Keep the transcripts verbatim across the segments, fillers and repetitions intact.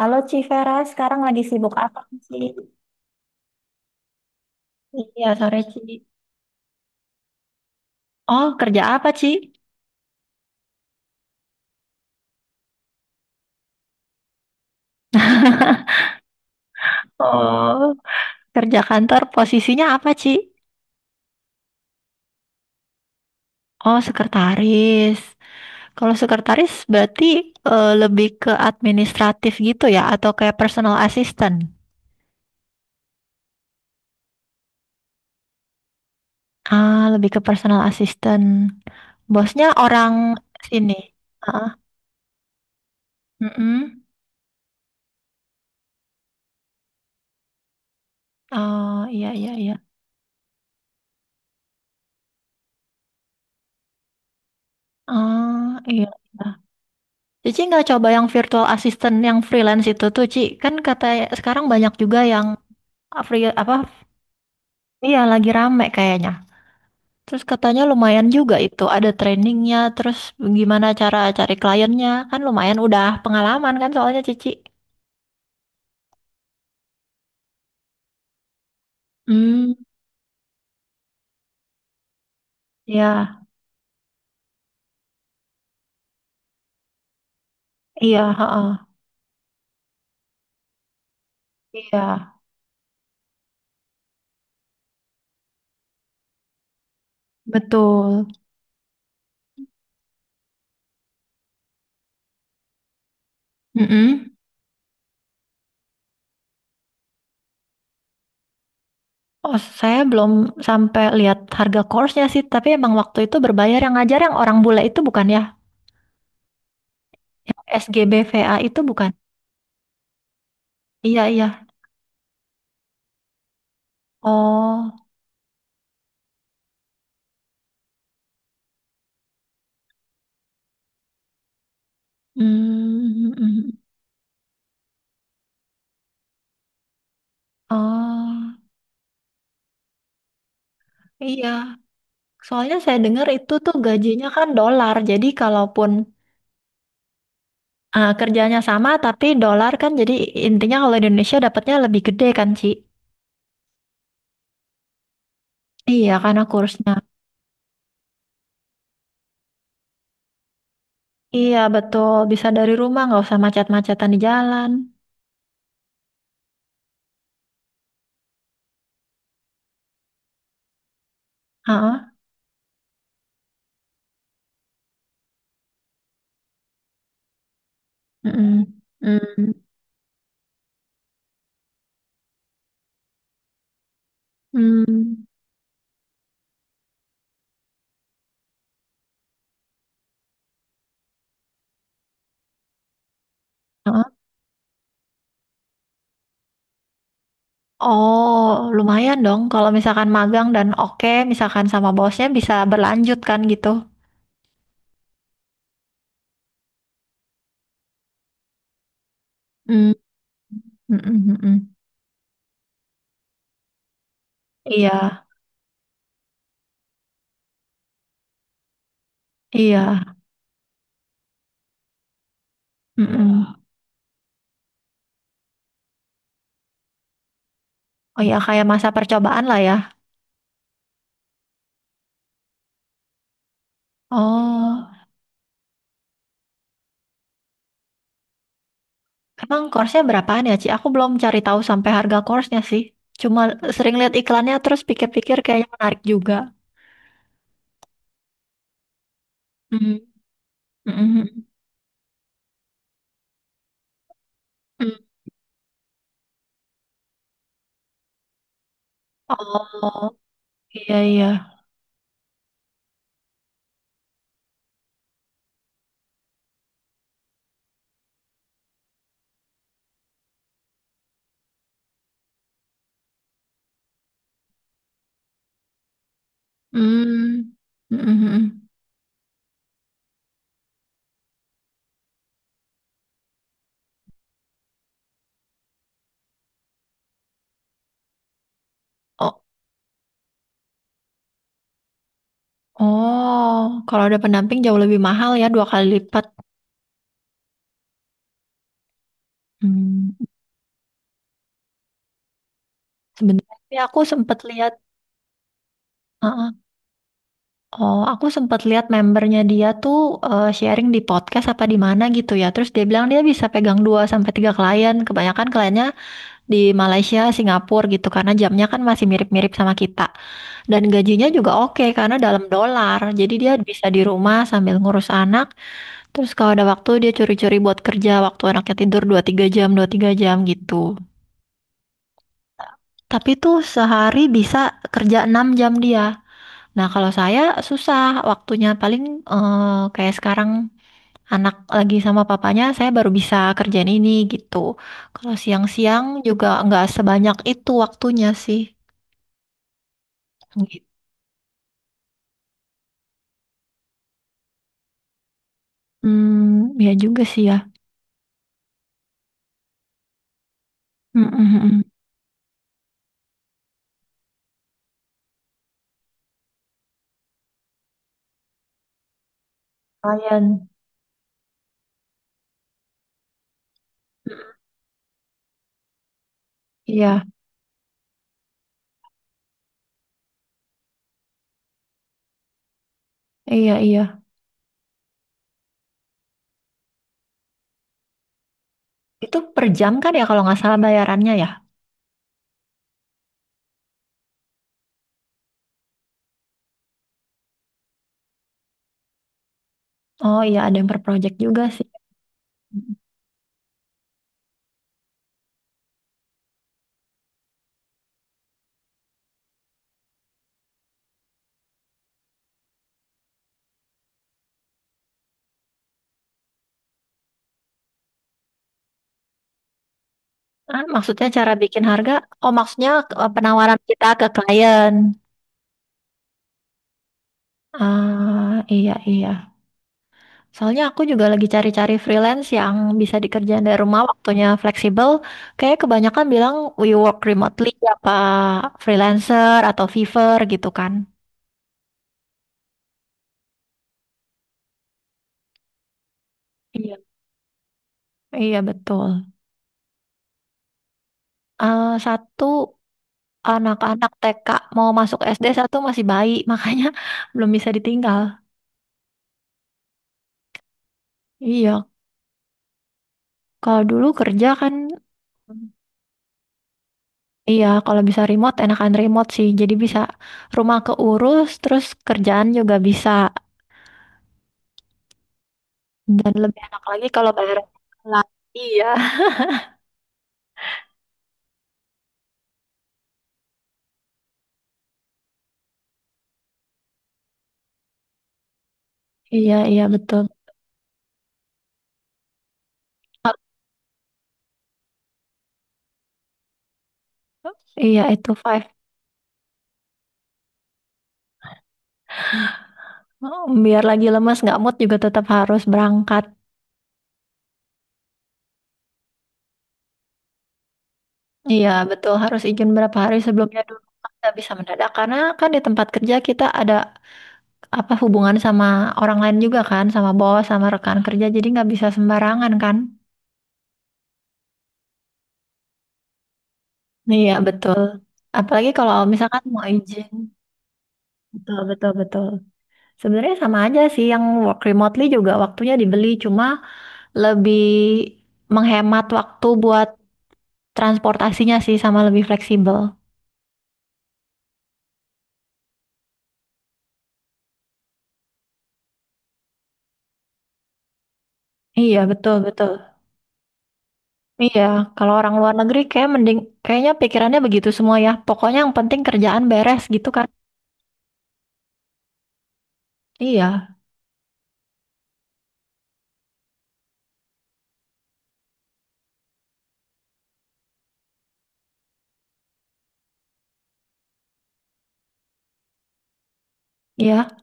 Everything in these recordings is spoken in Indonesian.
Halo Ci Vera, sekarang lagi sibuk apa Ci? Iya, sore Ci. Oh, kerja apa Ci? Oh, kerja kantor posisinya apa Ci? Oh, sekretaris. Kalau sekretaris berarti eh, lebih ke administratif gitu ya, atau kayak personal assistant? Ah, lebih ke personal assistant. Bosnya orang sini. Ah, mm-mm. Oh, iya, iya, iya. Ah, iya, iya. Cici nggak coba yang virtual assistant yang freelance itu tuh, Ci? Kan kata sekarang banyak juga yang free apa? Iya, lagi rame kayaknya. Terus katanya lumayan juga itu, ada trainingnya, terus gimana cara cari kliennya. Kan lumayan udah pengalaman kan soalnya Cici. Hmm, iya, iya, heeh. Iya, betul. Mm-mm. Oh, saya belum sampai lihat harga course-nya sih, tapi emang waktu itu berbayar yang ngajar yang orang bule itu bukan ya? Yang S G B V A itu bukan. Iya, iya. Oh, mm, mm, mm. Oh, iya. Soalnya saya dengar itu tuh gajinya kan dolar. Jadi kalaupun ah, kerjanya sama tapi dolar kan, jadi intinya kalau di Indonesia dapatnya lebih gede kan, Ci? Iya, karena kursnya. Iya, betul. Bisa dari rumah, nggak usah macet-macetan di jalan. Heeh. Mm-mm. Mm. Mm. Heeh. Oh, lumayan dong. Kalau misalkan magang dan oke, misalkan sama bosnya bisa berlanjut kan gitu. Mm. Mm-mm-mm. Iya, iya. Mm-mm. Ya, oh ya, kayak masa percobaan lah ya. Oh, emang course-nya berapaan ya, Ci? Aku belum cari tahu sampai harga course-nya sih. Cuma sering lihat iklannya terus pikir-pikir kayaknya menarik juga. Mm. Mm-mm. Mm. Oh, iya, iya. Mm. Mm-mm. Oh, oh, kalau ada pendamping jauh lebih mahal ya, dua kali lipat. Mm. Sebenarnya sih aku sempat lihat. Oh, aku sempat lihat membernya dia tuh eh, sharing di podcast apa di mana gitu ya. Terus dia bilang dia bisa pegang dua sampai tiga klien. Kebanyakan kliennya di Malaysia, Singapura gitu karena jamnya kan masih mirip-mirip sama kita. Dan gajinya juga oke karena dalam dolar. Jadi dia bisa di rumah sambil ngurus anak. Terus kalau ada waktu dia curi-curi buat kerja waktu anaknya tidur dua tiga jam, dua tiga jam gitu. Tapi tuh sehari bisa kerja enam jam dia. Nah, kalau saya susah waktunya paling eh, kayak sekarang anak lagi sama papanya, saya baru bisa kerjain ini gitu. Kalau siang-siang juga nggak sebanyak itu waktunya sih. Gitu. Hmm, ya juga sih ya. Mm, mm, mm. Lumayan. Iya, iya, iya. Itu per jam kan ya kalau nggak salah bayarannya ya? Oh iya, ada yang per project juga sih. Ah, maksudnya cara bikin harga? Oh, maksudnya eh, penawaran kita ke klien. Ah, iya, iya. Soalnya aku juga lagi cari-cari freelance yang bisa dikerjain dari rumah, waktunya fleksibel. Kayak kebanyakan bilang we work remotely, apa freelancer atau Fiverr gitu kan. Iya. Iya betul. Eh, satu anak-anak T K mau masuk S D, satu masih bayi, makanya belum bisa ditinggal. Iya, kalau dulu kerja kan, iya kalau bisa remote enakan remote sih. Jadi bisa rumah keurus, terus kerjaan juga bisa. Dan lebih enak lagi kalau bayar lah. Iya, iya, iya betul. Iya itu five. Oh, biar lagi lemas nggak mood juga tetap harus berangkat. Iya betul, harus izin berapa hari sebelumnya dulu kan, nggak bisa mendadak karena kan di tempat kerja kita ada apa hubungan sama orang lain juga kan, sama bos sama rekan kerja, jadi nggak bisa sembarangan kan. Iya betul. Apalagi kalau misalkan mau izin. Betul betul betul. Sebenarnya sama aja sih yang work remotely juga waktunya dibeli, cuma lebih menghemat waktu buat transportasinya sih sama lebih fleksibel. Iya, betul, betul. Iya, kalau orang luar negeri kayak mending kayaknya pikirannya begitu semua ya. Pokoknya yang penting kerjaan beres gitu kan. Iya, iya,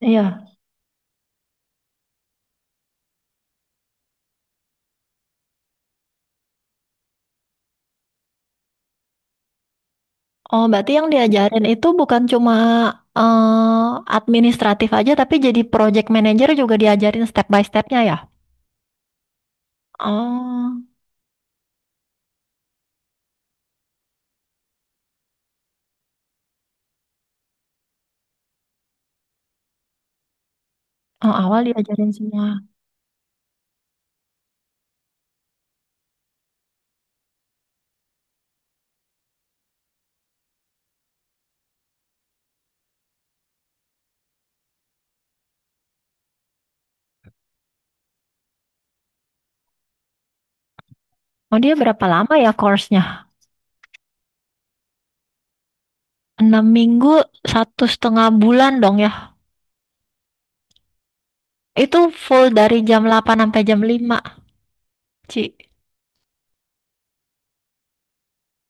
iya. Oh, berarti yang diajarin itu bukan cuma eh, administratif aja tapi jadi project manager juga diajarin step by stepnya ya. Oh, oh awal diajarin semua. Oh dia berapa lama ya course-nya? Enam minggu, satu setengah bulan dong ya. Itu full dari jam delapan sampai jam lima, Ci?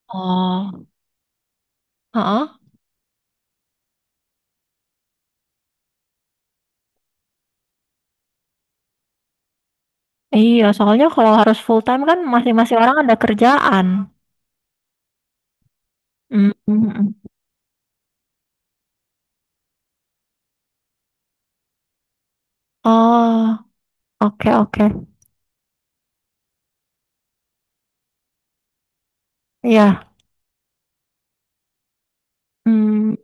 Oh, heeh. Iya, soalnya kalau harus full time kan masing-masing orang ada kerjaan. Mm, mm, mm. Oh, oke oke. Iya. Mm,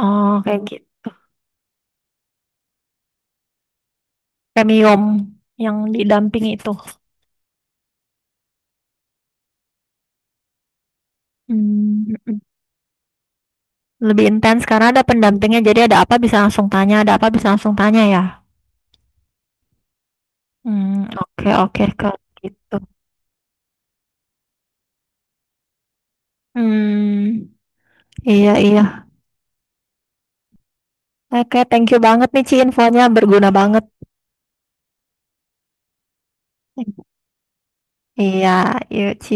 oh, kayak gitu. Premium yang didampingi itu. Mm, mm, mm. Lebih intens karena ada pendampingnya, jadi ada apa bisa langsung tanya, ada apa bisa langsung tanya ya. Hmm, oke oke kalau gitu. Hmm, iya iya. Oke, thank you banget nih Ci, infonya berguna banget. Iya, yuk Ci.